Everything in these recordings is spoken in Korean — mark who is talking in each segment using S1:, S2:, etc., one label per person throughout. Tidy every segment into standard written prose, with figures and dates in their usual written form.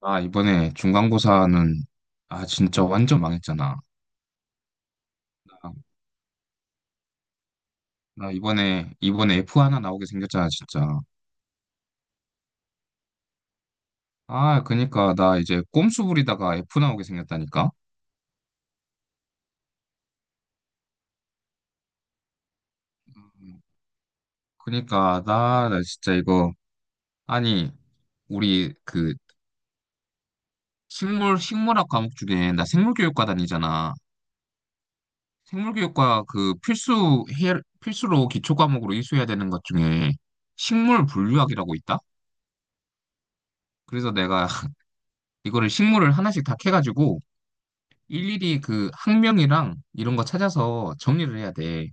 S1: 아, 이번에 중간고사는, 아, 진짜 완전 망했잖아. 아, 나 이번에 F 하나 나오게 생겼잖아, 진짜. 아, 그니까, 나 이제 꼼수 부리다가 F 나오게 생겼다니까? 그니까, 나 진짜 이거, 아니, 우리 그, 식물학 과목 중에, 나 생물교육과 다니잖아. 생물교육과 그 필수로 기초 과목으로 이수해야 되는 것 중에, 식물 분류학이라고 있다? 그래서 내가 이거를 식물을 하나씩 다 캐가지고, 일일이 그 학명이랑 이런 거 찾아서 정리를 해야 돼.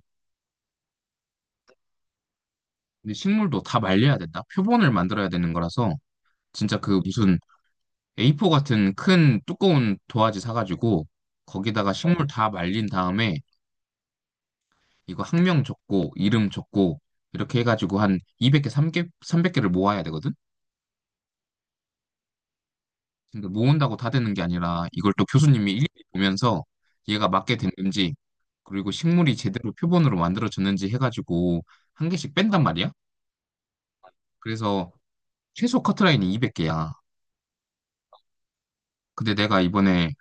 S1: 근데 식물도 다 말려야 된다. 표본을 만들어야 되는 거라서 진짜 그 무슨 A4 같은 큰 두꺼운 도화지 사가지고 거기다가 식물 다 말린 다음에 이거 학명 적고 이름 적고 이렇게 해가지고 한 200개, 300개를 모아야 되거든? 근데 모은다고 다 되는 게 아니라 이걸 또 교수님이 일일이 보면서 얘가 맞게 됐는지 그리고 식물이 제대로 표본으로 만들어졌는지 해가지고 한 개씩 뺀단 말이야. 그래서 최소 커트라인이 200개야. 근데 내가 이번에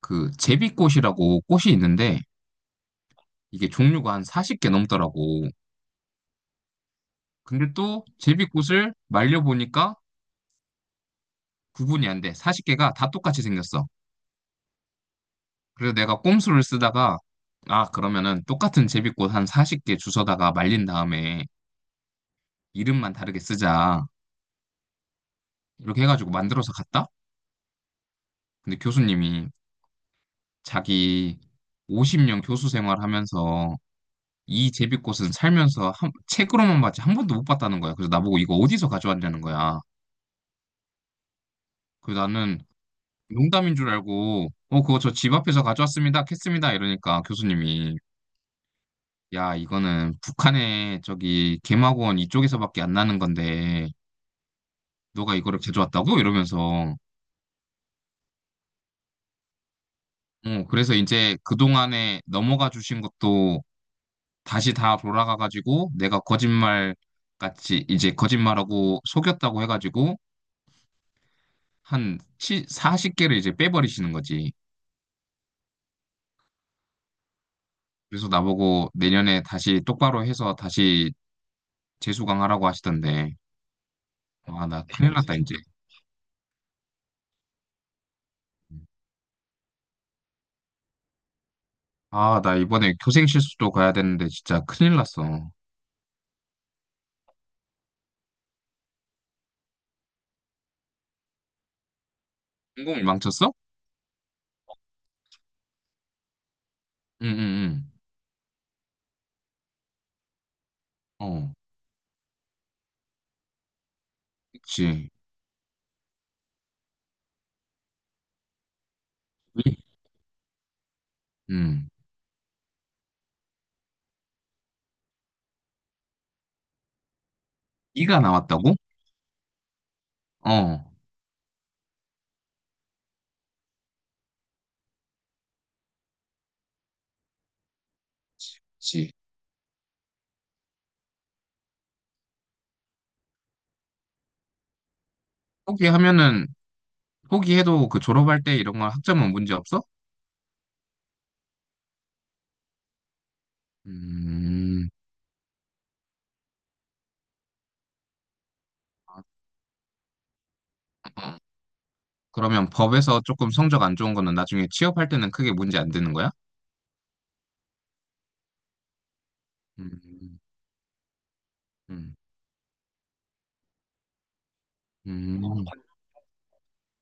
S1: 그 제비꽃이라고 꽃이 있는데 이게 종류가 한 40개 넘더라고. 근데 또 제비꽃을 말려보니까 구분이 안 돼. 40개가 다 똑같이 생겼어. 그래서 내가 꼼수를 쓰다가, 아, 그러면은 똑같은 제비꽃 한 40개 주워다가 말린 다음에 이름만 다르게 쓰자. 이렇게 해가지고 만들어서 갔다? 근데 교수님이 자기 50년 교수 생활하면서 이 제비꽃은 살면서 책으로만 봤지 한 번도 못 봤다는 거야. 그래서 나보고 이거 어디서 가져왔냐는 거야. 그래서 나는 농담인 줄 알고, 어, 그거 저 집 앞에서 가져왔습니다. 캤습니다. 이러니까 교수님이, 야, 이거는 북한의 저기 개마고원 이쪽에서밖에 안 나는 건데 너가 이거를 가져왔다고? 이러면서 어, 그래서 이제 그동안에 넘어가 주신 것도 다시 다 돌아가 가지고 내가 거짓말 같이 이제 거짓말하고 속였다고 해가지고 한 40개를 이제 빼버리시는 거지. 그래서 나보고 내년에 다시 똑바로 해서 다시 재수강하라고 하시던데, 아, 나 큰일 났다, 이제. 아, 나 이번에 교생 실습도 가야 되는데 진짜 큰일 났어. 전공을 망쳤어? 응, 응, 응. 어, 그치. 이? 응. 이가 나왔다고? 어, 그치. 포기하면은, 포기해도 그 졸업할 때 이런 건 학점은 문제 없어? 음. 아, 그러면 법에서 조금 성적 안 좋은 거는 나중에 취업할 때는 크게 문제 안 되는 거야? 음, 음, 어,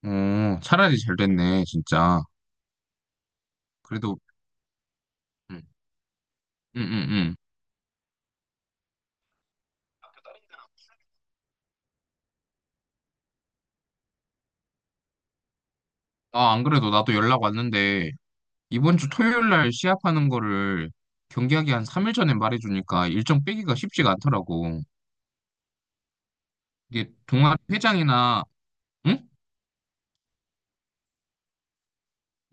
S1: 어, 차라리 잘 됐네, 진짜. 그래도, 음, 음, 음, 음. 아, 안 그래도 나도 연락 왔는데, 이번 주 토요일 날 시합하는 거를 경기하기 한 3일 전에 말해주니까 일정 빼기가 쉽지가 않더라고. 이게 동아리 회장이나, 응?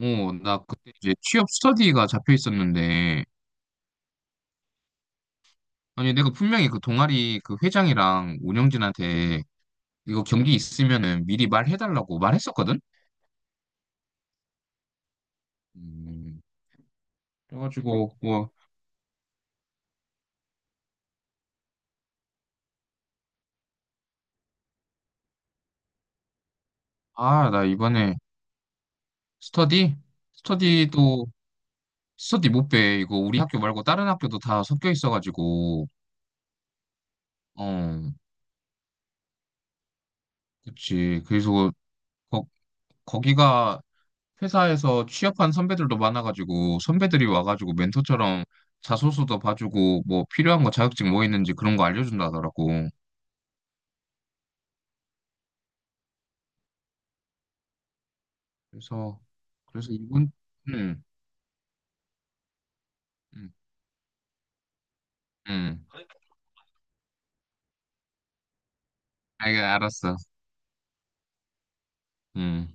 S1: 어, 나 그때 이제 취업 스터디가 잡혀 있었는데, 아니, 내가 분명히 그 동아리 그 회장이랑 운영진한테 이거 경기 있으면은 미리 말해달라고 말했었거든? 음, 그래가지고 뭐, 아, 나 이번에 스터디? 스터디도 스터디 못 빼. 이거 우리 학교 말고 다른 학교도 다 섞여 있어가지고. 어, 그치. 그래서 거, 거기가 회사에서 취업한 선배들도 많아가지고 선배들이 와가지고 멘토처럼 자소서도 봐주고 뭐 필요한 거 자격증 뭐 있는지 그런 거 알려준다 하더라고. 그래서 그래서 이번, 음, 음, 음. 아, 알았어. 음.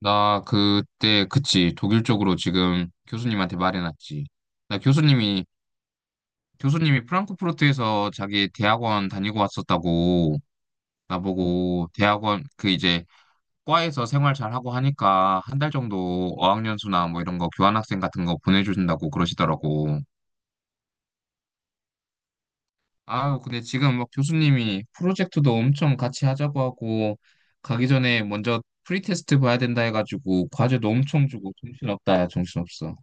S1: 나 그때, 그치, 독일 쪽으로 지금 교수님한테 말해놨지. 나 교수님이 프랑크푸르트에서 자기 대학원 다니고 왔었다고 나보고 대학원 그 이제 과에서 생활 잘하고 하니까 한 달 정도 어학연수나 뭐 이런 거 교환학생 같은 거 보내주신다고 그러시더라고. 아유, 근데 지금 막 교수님이 프로젝트도 엄청 같이 하자고 하고 가기 전에 먼저 프리테스트 봐야 된다 해가지고 과제도 엄청 주고 정신없다, 야, 정신없어.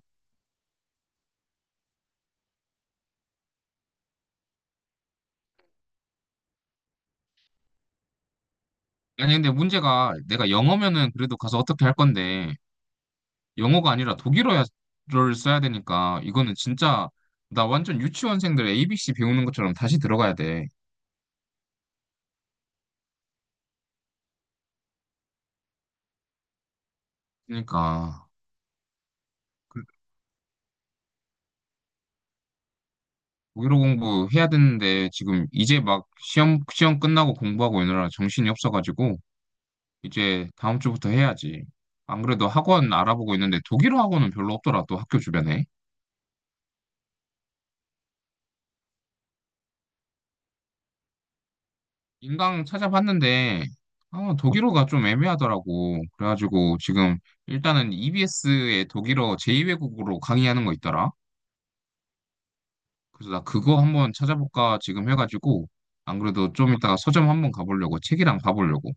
S1: 아니, 근데 문제가 내가 영어면은 그래도 가서 어떻게 할 건데, 영어가 아니라 독일어를 써야 되니까, 이거는 진짜, 나 완전 유치원생들 ABC 배우는 것처럼 다시 들어가야 돼. 그러니까, 그 독일어 공부해야 되는데, 지금 이제 막 시험 끝나고 공부하고 이느라 정신이 없어가지고, 이제 다음 주부터 해야지. 안 그래도 학원 알아보고 있는데, 독일어 학원은 별로 없더라, 또 학교 주변에. 인강 찾아봤는데, 아, 독일어가 좀 애매하더라고. 그래가지고 지금 일단은 EBS의 독일어 제2외국어로 강의하는 거 있더라. 그래서 나 그거 한번 찾아볼까 지금 해가지고 안 그래도 좀 이따가 서점 한번 가보려고 책이랑 봐보려고.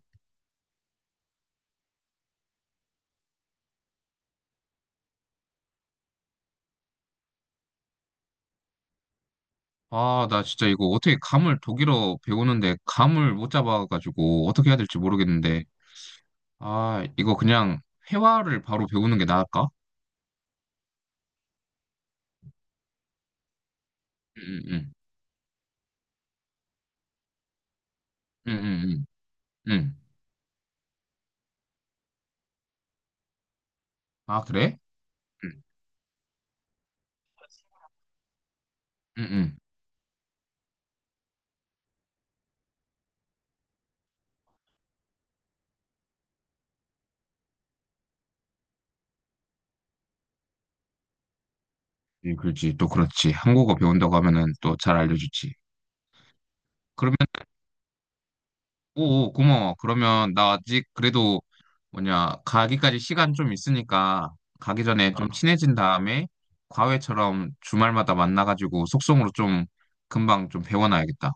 S1: 아, 나 진짜 이거 어떻게 감을 독일어 배우는데 감을 못 잡아가지고 어떻게 해야 될지 모르겠는데, 아, 이거 그냥 회화를 바로 배우는 게 나을까? 응, 응, 응, 응, 응, 응. 응. 아, 그래? 응, 응, 응. 예, 그렇지. 또 그렇지. 한국어 배운다고 하면은 또 잘 알려주지. 그러면, 오, 고마워. 그러면 나 아직 그래도 뭐냐, 가기까지 시간 좀 있으니까 가기 전에 좀 친해진 다음에 과외처럼 주말마다 만나가지고 속성으로 좀 금방 좀 배워놔야겠다.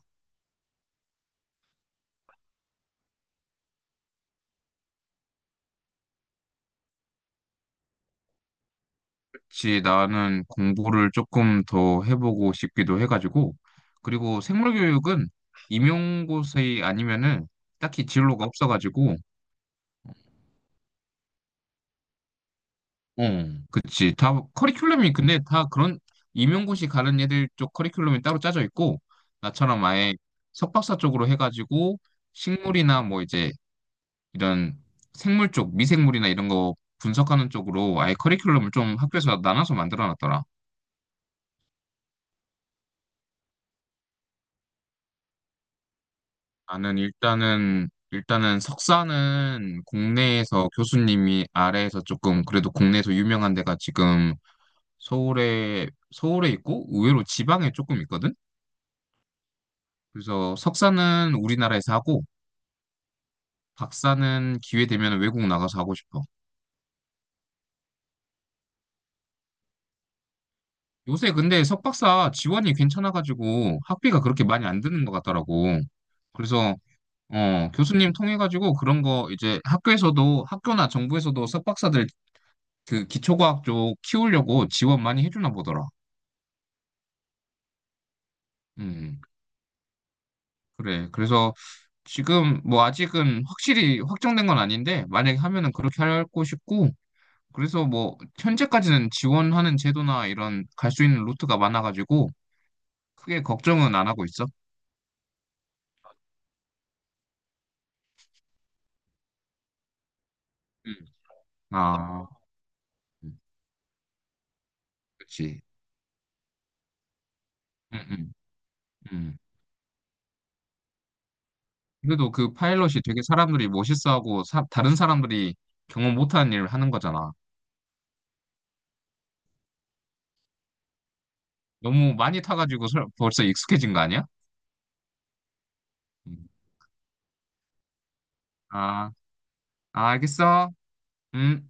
S1: 그렇지. 나는 공부를 조금 더 해보고 싶기도 해가지고. 그리고 생물교육은 임용고사 아니면은 딱히 진로가 없어가지고 어, 그치. 다 커리큘럼이 근데 다 그런 임용고시 가는 애들 쪽 커리큘럼이 따로 짜져 있고 나처럼 아예 석박사 쪽으로 해가지고 식물이나 뭐 이제 이런 생물 쪽 미생물이나 이런 거 분석하는 쪽으로 아예 커리큘럼을 좀 학교에서 나눠서 만들어 놨더라. 나는 일단은 석사는 국내에서 교수님이 아래에서 조금 그래도 국내에서 유명한 데가 지금 서울에 서울에 있고 의외로 지방에 조금 있거든. 그래서 석사는 우리나라에서 하고 박사는 기회 되면 외국 나가서 하고 싶어. 요새 근데 석박사 지원이 괜찮아가지고 학비가 그렇게 많이 안 드는 것 같더라고. 그래서 어, 교수님 통해가지고 그런 거 이제 학교에서도 학교나 정부에서도 석박사들 그 기초과학 쪽 키우려고 지원 많이 해주나 보더라. 음, 그래. 그래서 지금 뭐 아직은 확실히 확정된 건 아닌데 만약에 하면은 그렇게 하고 싶고 그래서 뭐 현재까지는 지원하는 제도나 이런 갈 수 있는 루트가 많아가지고 크게 걱정은 안 하고 있어. 음. 아, 음, 그렇지. 음, 음, 음. 그래도 그 파일럿이 되게 사람들이 멋있어하고 다른 사람들이 경험 못하는 일을 하는 거잖아. 너무 많이 타가지고 벌써 익숙해진 거 아니야? 음. 아, 아, 알겠어. 음.